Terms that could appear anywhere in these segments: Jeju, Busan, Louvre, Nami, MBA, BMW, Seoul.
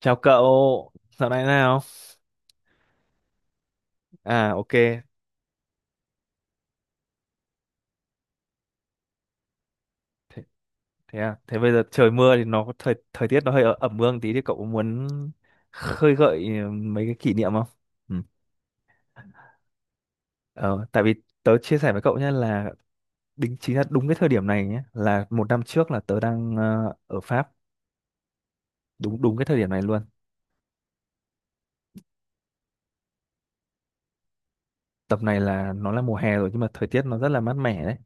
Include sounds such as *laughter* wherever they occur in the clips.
Chào cậu, dạo này thế nào? À ok, thế, thế à, thế bây giờ trời mưa thì nó có thời thời tiết nó hơi ẩm ương tí thì cậu muốn khơi gợi mấy cái kỷ niệm không? Ừ. Ờ, Tại vì tớ chia sẻ với cậu nhé, là đính chính là đúng cái thời điểm này nhé, là một năm trước là tớ đang ở Pháp, đúng đúng cái thời điểm này luôn. Tầm này là nó là mùa hè rồi nhưng mà thời tiết nó rất là mát mẻ đấy.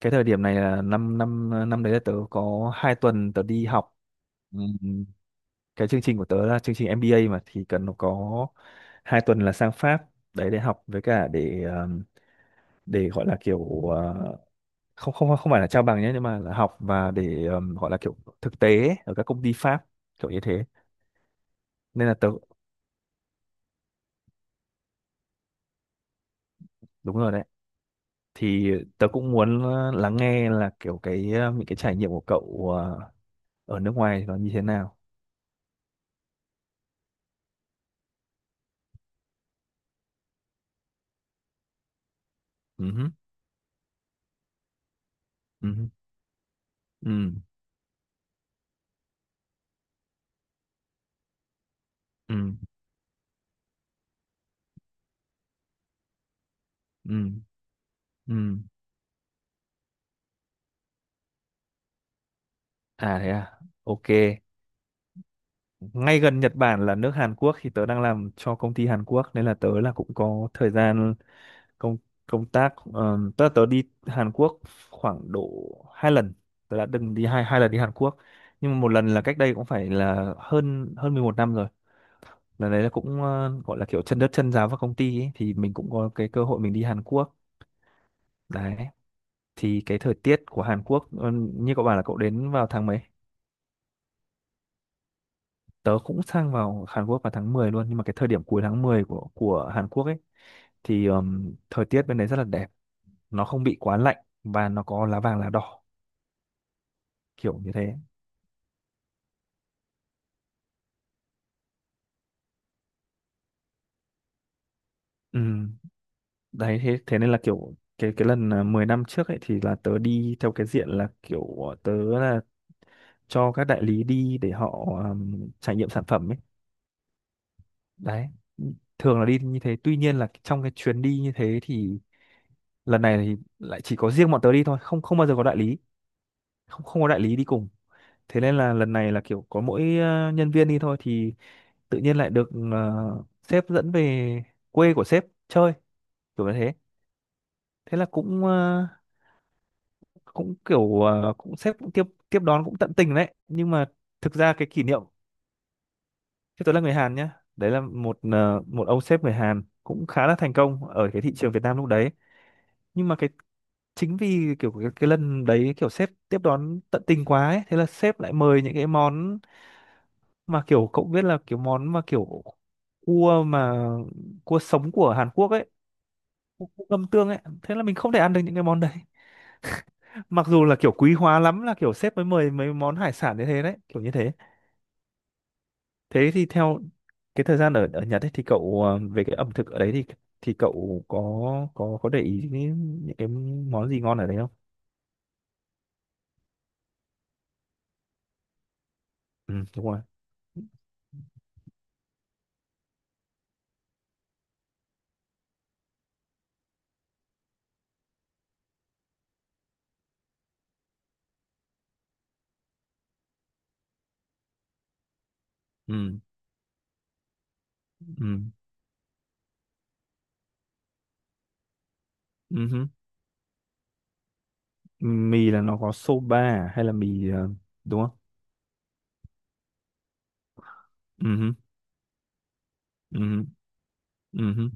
Cái thời điểm này là năm năm năm đấy là tớ có 2 tuần. Ừ. Cái chương trình của tớ là chương trình MBA mà, thì cần nó có 2 tuần đấy để học, với cả để gọi là kiểu không không không phải là trao bằng nhé, nhưng mà là học và để gọi là kiểu thực tế ấy, ở các công ty Pháp, kiểu như thế. Nên là tớ đúng rồi đấy. Thì tớ cũng muốn lắng nghe là kiểu cái những cái trải nghiệm của cậu ở nước ngoài nó như thế nào. Ừ hứ, ừ hứ, ừ, ừ, ừ, ừ. À thế à. Ok. Ngay gần Nhật Bản là nước Hàn Quốc thì tớ đang làm cho công ty Hàn Quốc, nên là tớ là cũng có thời gian công công tác, tớ tớ đi Hàn Quốc khoảng độ hai lần. Tớ đã từng đi hai hai lần đi Hàn Quốc, nhưng mà một lần là cách đây cũng phải là hơn hơn 11 năm rồi. Lần đấy là cũng gọi là kiểu chân đất chân giáo vào công ty ấy, thì mình cũng có cái cơ hội mình đi Hàn Quốc đấy. Thì cái thời tiết của Hàn Quốc như cậu bảo là cậu đến vào tháng mấy, tớ cũng sang vào Hàn Quốc vào tháng 10 luôn, nhưng mà cái thời điểm cuối tháng 10 của Hàn Quốc ấy thì thời tiết bên đấy rất là đẹp, nó không bị quá lạnh và nó có lá vàng lá đỏ, kiểu như thế. Ừm. Đấy thế thế nên là kiểu cái lần 10 năm trước ấy thì là tớ đi theo cái diện là kiểu tớ là cho các đại lý đi để họ trải nghiệm sản phẩm ấy. Đấy. Thường là đi như thế, tuy nhiên là trong cái chuyến đi như thế thì lần này thì lại chỉ có riêng bọn tớ đi thôi, không không bao giờ có đại lý, không không có đại lý đi cùng. Thế nên là lần này là kiểu có mỗi nhân viên đi thôi, thì tự nhiên lại được sếp dẫn về quê của sếp chơi, kiểu như thế. Thế là cũng cũng kiểu cũng sếp cũng tiếp tiếp đón cũng tận tình đấy, nhưng mà thực ra cái kỷ niệm, chứ tôi là người Hàn nhá, đấy là một một ông sếp người Hàn cũng khá là thành công ở cái thị trường Việt Nam lúc đấy. Nhưng mà cái chính vì kiểu cái lần đấy kiểu sếp tiếp đón tận tình quá ấy, thế là sếp lại mời những cái món mà kiểu cậu biết là kiểu món mà kiểu cua mà cua sống của Hàn Quốc ấy, cua cua ngâm tương ấy. Thế là mình không thể ăn được những cái món đấy. *laughs* Mặc dù là kiểu quý hóa lắm là kiểu sếp mới mời mấy món hải sản như thế đấy, kiểu như thế. Thế thì theo cái thời gian ở ở Nhật ấy thì cậu về cái ẩm thực ở đấy thì cậu có có để ý những cái món gì ngon ở đấy không? Ừ đúng rồi. Ừ, ừ, ừ hứ. Mì là nó có soba à? Hay là mì đúng không? Ừ hứ, ừ hứ, ừ hứ,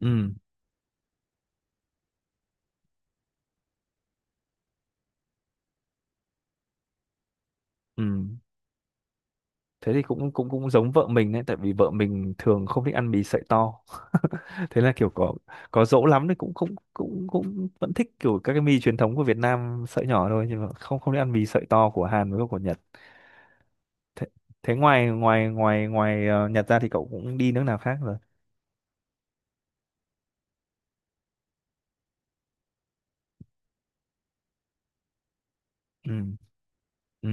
ừ. Ừ. Thế thì cũng cũng cũng giống vợ mình đấy, tại vì vợ mình thường không thích ăn mì sợi to. *laughs* Thế là kiểu có dỗ lắm thì cũng cũng cũng cũng vẫn thích kiểu các cái mì truyền thống của Việt Nam sợi nhỏ thôi, nhưng mà không không thích ăn mì sợi to của Hàn với của Nhật. Thế, thế ngoài ngoài ngoài ngoài Nhật ra thì cậu cũng đi nước nào khác rồi? Ừ. Ừ.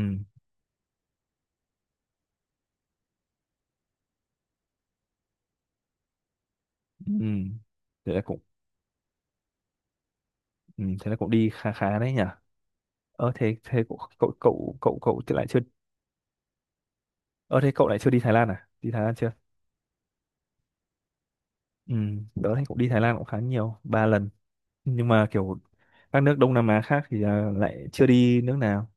Ừ. Thế là cũng ừ. Thế là cũng đi khá khá đấy nhỉ. Ờ thế thế cậu cậu cậu cậu cậu thì lại chưa. Ờ thế cậu lại chưa đi Thái Lan à? Đi Thái Lan chưa? Ừ, đó thì cũng đi Thái Lan cũng khá nhiều, ba lần. Nhưng mà kiểu các nước Đông Nam Á khác thì lại chưa đi nước nào.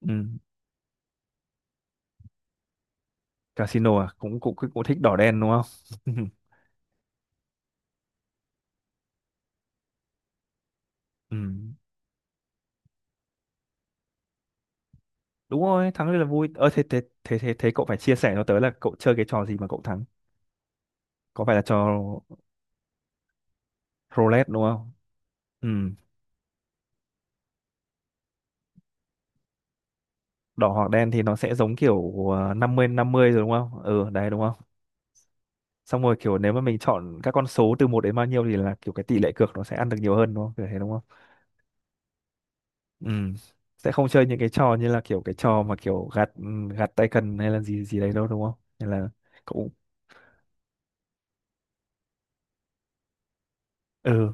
Ừ. Casino à, cũng cũng cũng thích đỏ đen đúng không? *laughs* Ừ. Đúng rồi, thắng rất là vui. Ờ thế thế thế thế thế cậu phải chia sẻ cho tớ là cậu chơi cái trò gì mà cậu thắng. Có phải là trò roulette đúng không? Ừ. Đỏ hoặc đen thì nó sẽ giống kiểu 50 rồi đúng không? Ừ đấy đúng không? Xong rồi kiểu nếu mà mình chọn các con số từ một đến bao nhiêu thì là kiểu cái tỷ lệ cược nó sẽ ăn được nhiều hơn đúng không, kiểu thế đúng. Ừ. Sẽ không chơi những cái trò như là kiểu cái trò mà kiểu gạt gạt tay cần hay là gì gì đấy đâu đúng không, nên là cũng ừ.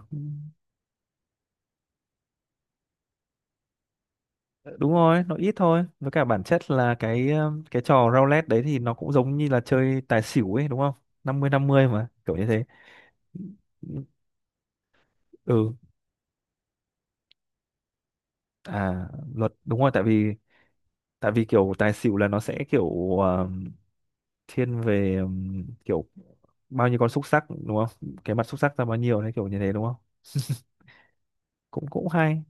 Ờ, đúng rồi, nó ít thôi, với cả bản chất là cái trò roulette đấy thì nó cũng giống như là chơi tài xỉu ấy đúng không? Năm mươi năm mươi mà, kiểu như thế. Ừ à. Luật đúng rồi, tại vì kiểu tài xỉu là nó sẽ kiểu um, thiên về kiểu bao nhiêu con xúc xắc đúng không, cái mặt xúc xắc ra bao nhiêu đấy, kiểu như thế đúng không? Cũng cũng hay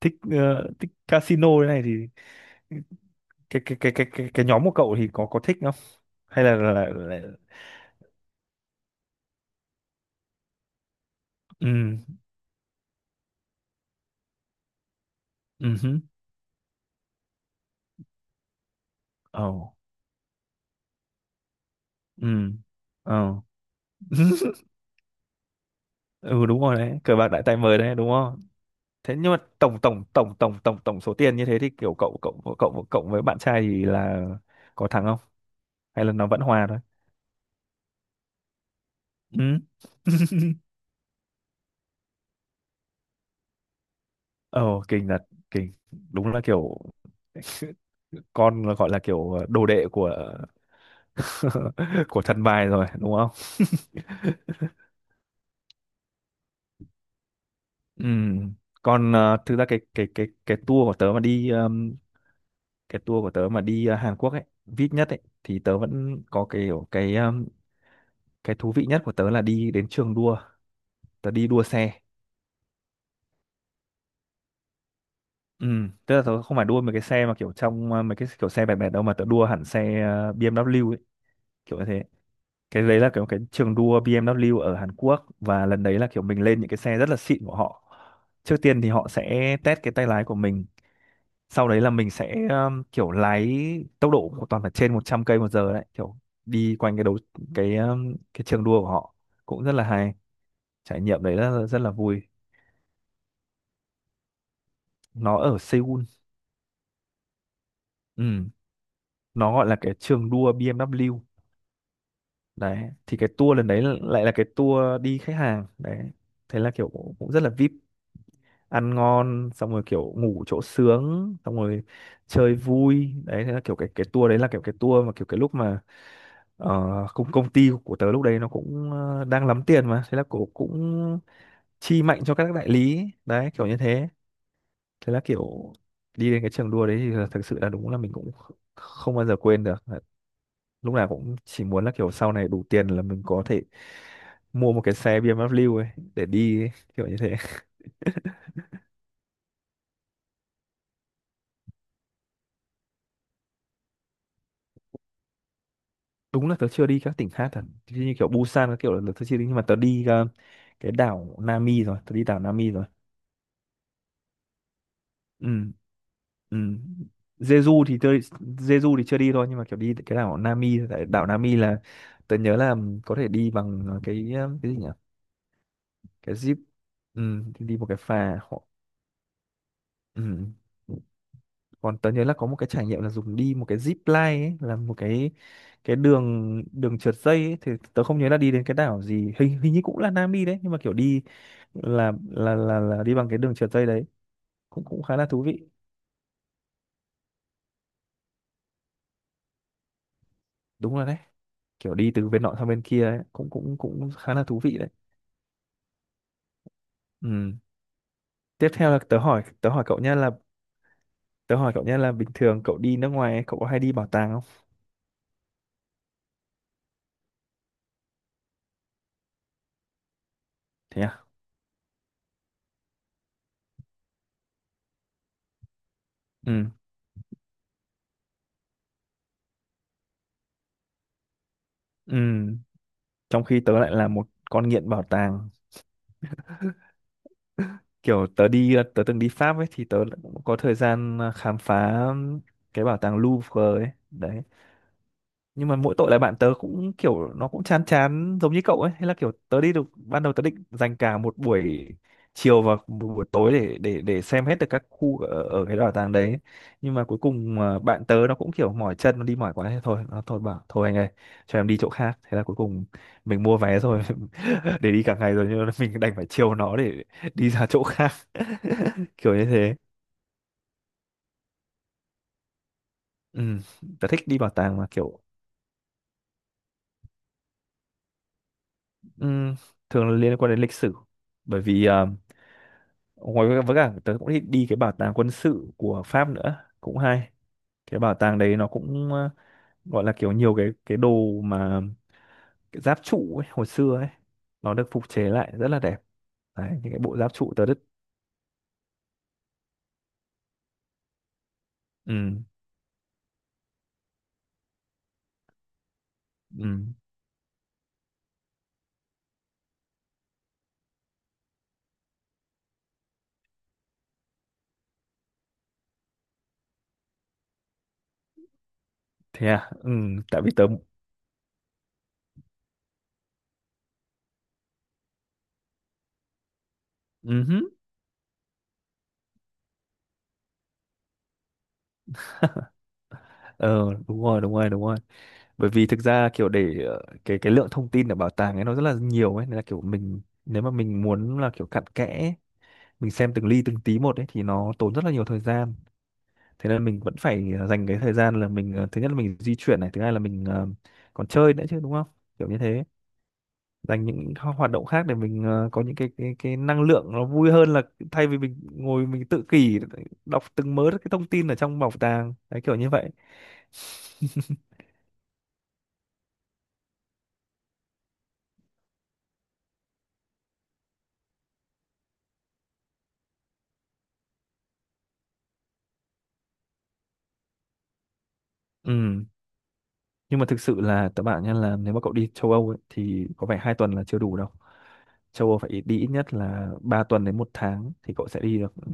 thích thích casino thế này thì cái nhóm của cậu thì có thích không, hay là là... ừ. Ừ hứ. Ồ. Ừ. Ồ. *laughs* Ừ đúng rồi đấy, cờ bạc đại tay mời đấy đúng không? Thế nhưng mà tổng tổng tổng tổng tổng tổng số tiền như thế thì kiểu cậu cậu cậu cậu với bạn trai thì là có thắng không, hay là nó vẫn hòa thôi? Ừ. Ồ kinh thật. Kinh. Đúng là kiểu con là gọi là kiểu đồ đệ của *laughs* của thần bài rồi đúng không? Ừ. Còn thực ra cái tour của tớ mà đi cái tour của tớ mà đi Hàn Quốc ấy, vip nhất ấy thì tớ vẫn có cái kiểu cái thú vị nhất của tớ là đi đến trường đua, tớ đi đua xe. Ừ, tức là tớ không phải đua mấy cái xe mà kiểu trong mấy cái kiểu xe bẹt bẹt đâu, mà tớ đua hẳn xe BMW ấy, kiểu như thế. Cái đấy là kiểu cái trường đua BMW ở Hàn Quốc, và lần đấy là kiểu mình lên những cái xe rất là xịn của họ. Trước tiên thì họ sẽ test cái tay lái của mình, sau đấy là mình sẽ kiểu lái tốc độ của toàn phải trên 100 cây một giờ đấy, kiểu đi quanh cái đấu cái trường đua của họ, cũng rất là hay. Trải nghiệm đấy là rất là vui. Nó ở Seoul. Ừ. Nó gọi là cái trường đua BMW đấy. Thì cái tour lần đấy lại là cái tour đi khách hàng đấy, thế là kiểu cũng cũng rất là VIP, ăn ngon xong rồi kiểu ngủ chỗ sướng xong rồi chơi vui đấy. Thế là kiểu cái tour đấy là kiểu cái tour mà kiểu cái lúc mà uh, công công ty của tớ lúc đấy nó cũng đang lắm tiền, mà thế là cổ cũng chi mạnh cho các đại lý đấy, kiểu như thế. Thế là kiểu đi đến cái trường đua đấy thì là thực sự là đúng là mình cũng không bao giờ quên được, lúc nào cũng chỉ muốn là kiểu sau này đủ tiền là mình có thể mua một cái xe BMW ấy để đi ấy, kiểu như thế. Đúng là tớ chưa đi các tỉnh khác thật, chứ như kiểu Busan các kiểu là tớ chưa đi, nhưng mà tớ đi cái đảo Nami rồi, tớ đi đảo Nami rồi. Ừ. Ừ. Jeju thì tớ, Jeju thì chưa đi thôi, nhưng mà kiểu đi cái đảo Nami, tại đảo Nami là tớ nhớ là có thể đi bằng cái cái gì nhỉ, cái jeep. Ừ, thì đi một cái phà họ. Ừ, còn tớ nhớ là có một cái trải nghiệm là dùng đi một cái zip line ấy, là một cái đường đường trượt dây ấy, thì tớ không nhớ là đi đến cái đảo gì, hình hình như cũng là Nam đi đấy, nhưng mà kiểu đi là đi bằng cái đường trượt dây đấy, cũng cũng khá là thú vị. Đúng rồi đấy, kiểu đi từ bên nọ sang bên kia ấy. Cũng cũng cũng khá là thú vị đấy. Ừ. Tiếp theo là tớ hỏi cậu nhé, là tớ hỏi cậu nhé là bình thường cậu đi nước ngoài ấy, cậu có hay đi bảo tàng không? Thế à. Ừ. Ừ. Trong khi tớ lại là một con nghiện bảo tàng, kiểu tớ đi, tớ từng đi Pháp ấy thì tớ cũng có thời gian khám phá cái bảo tàng Louvre ấy đấy. Nhưng mà mỗi tội là bạn tớ cũng kiểu nó cũng chán chán giống như cậu ấy, hay là kiểu tớ đi được, ban đầu tớ định dành cả một buổi chiều và một buổi tối để xem hết được các khu ở, ở cái bảo tàng đấy, nhưng mà cuối cùng bạn tớ nó cũng kiểu mỏi chân, nó đi mỏi quá thế thôi, nó thôi bảo thôi anh ơi cho em đi chỗ khác, thế là cuối cùng mình mua vé rồi *laughs* để đi cả ngày rồi, nhưng mà mình đành phải chiều nó để đi ra chỗ khác *laughs* kiểu như thế. Ừ, tớ thích đi bảo tàng mà kiểu, ừ, thường là liên quan đến lịch sử, bởi vì ngoài với cả tớ cũng thích đi cái bảo tàng quân sự của Pháp nữa, cũng hay. Cái bảo tàng đấy nó cũng gọi là kiểu nhiều cái đồ mà, cái giáp trụ ấy, hồi xưa ấy, nó được phục chế lại rất là đẹp đấy, những cái bộ giáp trụ tớ đứt. Ừ. Ừ. Thế à. Ừ. Tại vì tớ. Ừ hứ. Ờ, đúng rồi, đúng rồi, đúng rồi, bởi vì thực ra kiểu để cái lượng thông tin ở bảo tàng ấy nó rất là nhiều ấy, nên là kiểu mình, nếu mà mình muốn là kiểu cặn kẽ ấy, mình xem từng ly từng tí một ấy thì nó tốn rất là nhiều thời gian, thế nên mình vẫn phải dành cái thời gian là mình thứ nhất là mình di chuyển này, thứ hai là mình, ờ, còn chơi nữa chứ, đúng không, kiểu như thế, dành những hoạt động khác để mình có những cái năng lượng nó vui hơn là thay vì mình ngồi mình tự kỷ đọc từng mớ cái thông tin ở trong bảo tàng đấy, kiểu như vậy. *laughs* Ừ. Nhưng mà thực sự là các bạn nhá, là nếu mà cậu đi châu Âu ấy, thì có vẻ 2 tuần là chưa đủ đâu, châu Âu phải đi ít nhất là 3 tuần đến 1 tháng thì cậu sẽ đi được, ừ,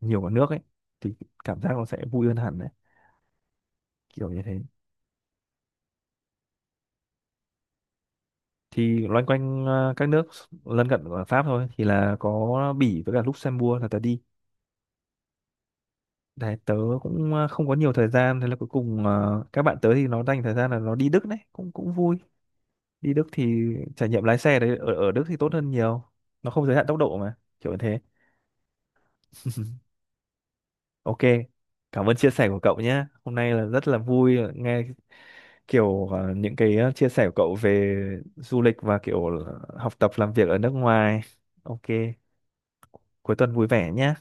nhiều cả nước ấy, thì cảm giác nó sẽ vui hơn hẳn đấy, kiểu như thế. Thì loanh quanh các nước lân cận của Pháp thôi, thì là có Bỉ với cả Luxembourg là tớ đi đấy. Tớ cũng không có nhiều thời gian, thế là cuối cùng các bạn tớ thì nó dành thời gian là nó đi Đức đấy, cũng cũng vui. Đi Đức thì trải nghiệm lái xe đấy ở ở Đức thì tốt hơn nhiều, nó không giới hạn tốc độ mà, kiểu như thế. Ok, cảm ơn chia sẻ của cậu nhé, hôm nay là rất là vui nghe, kiểu ờ, những cái ờ, chia sẻ của cậu về du lịch và kiểu ờ, học tập làm việc ở nước ngoài. Ok, cuối tuần vui vẻ nhé.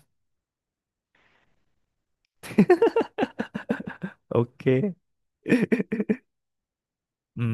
Ok. Ừ.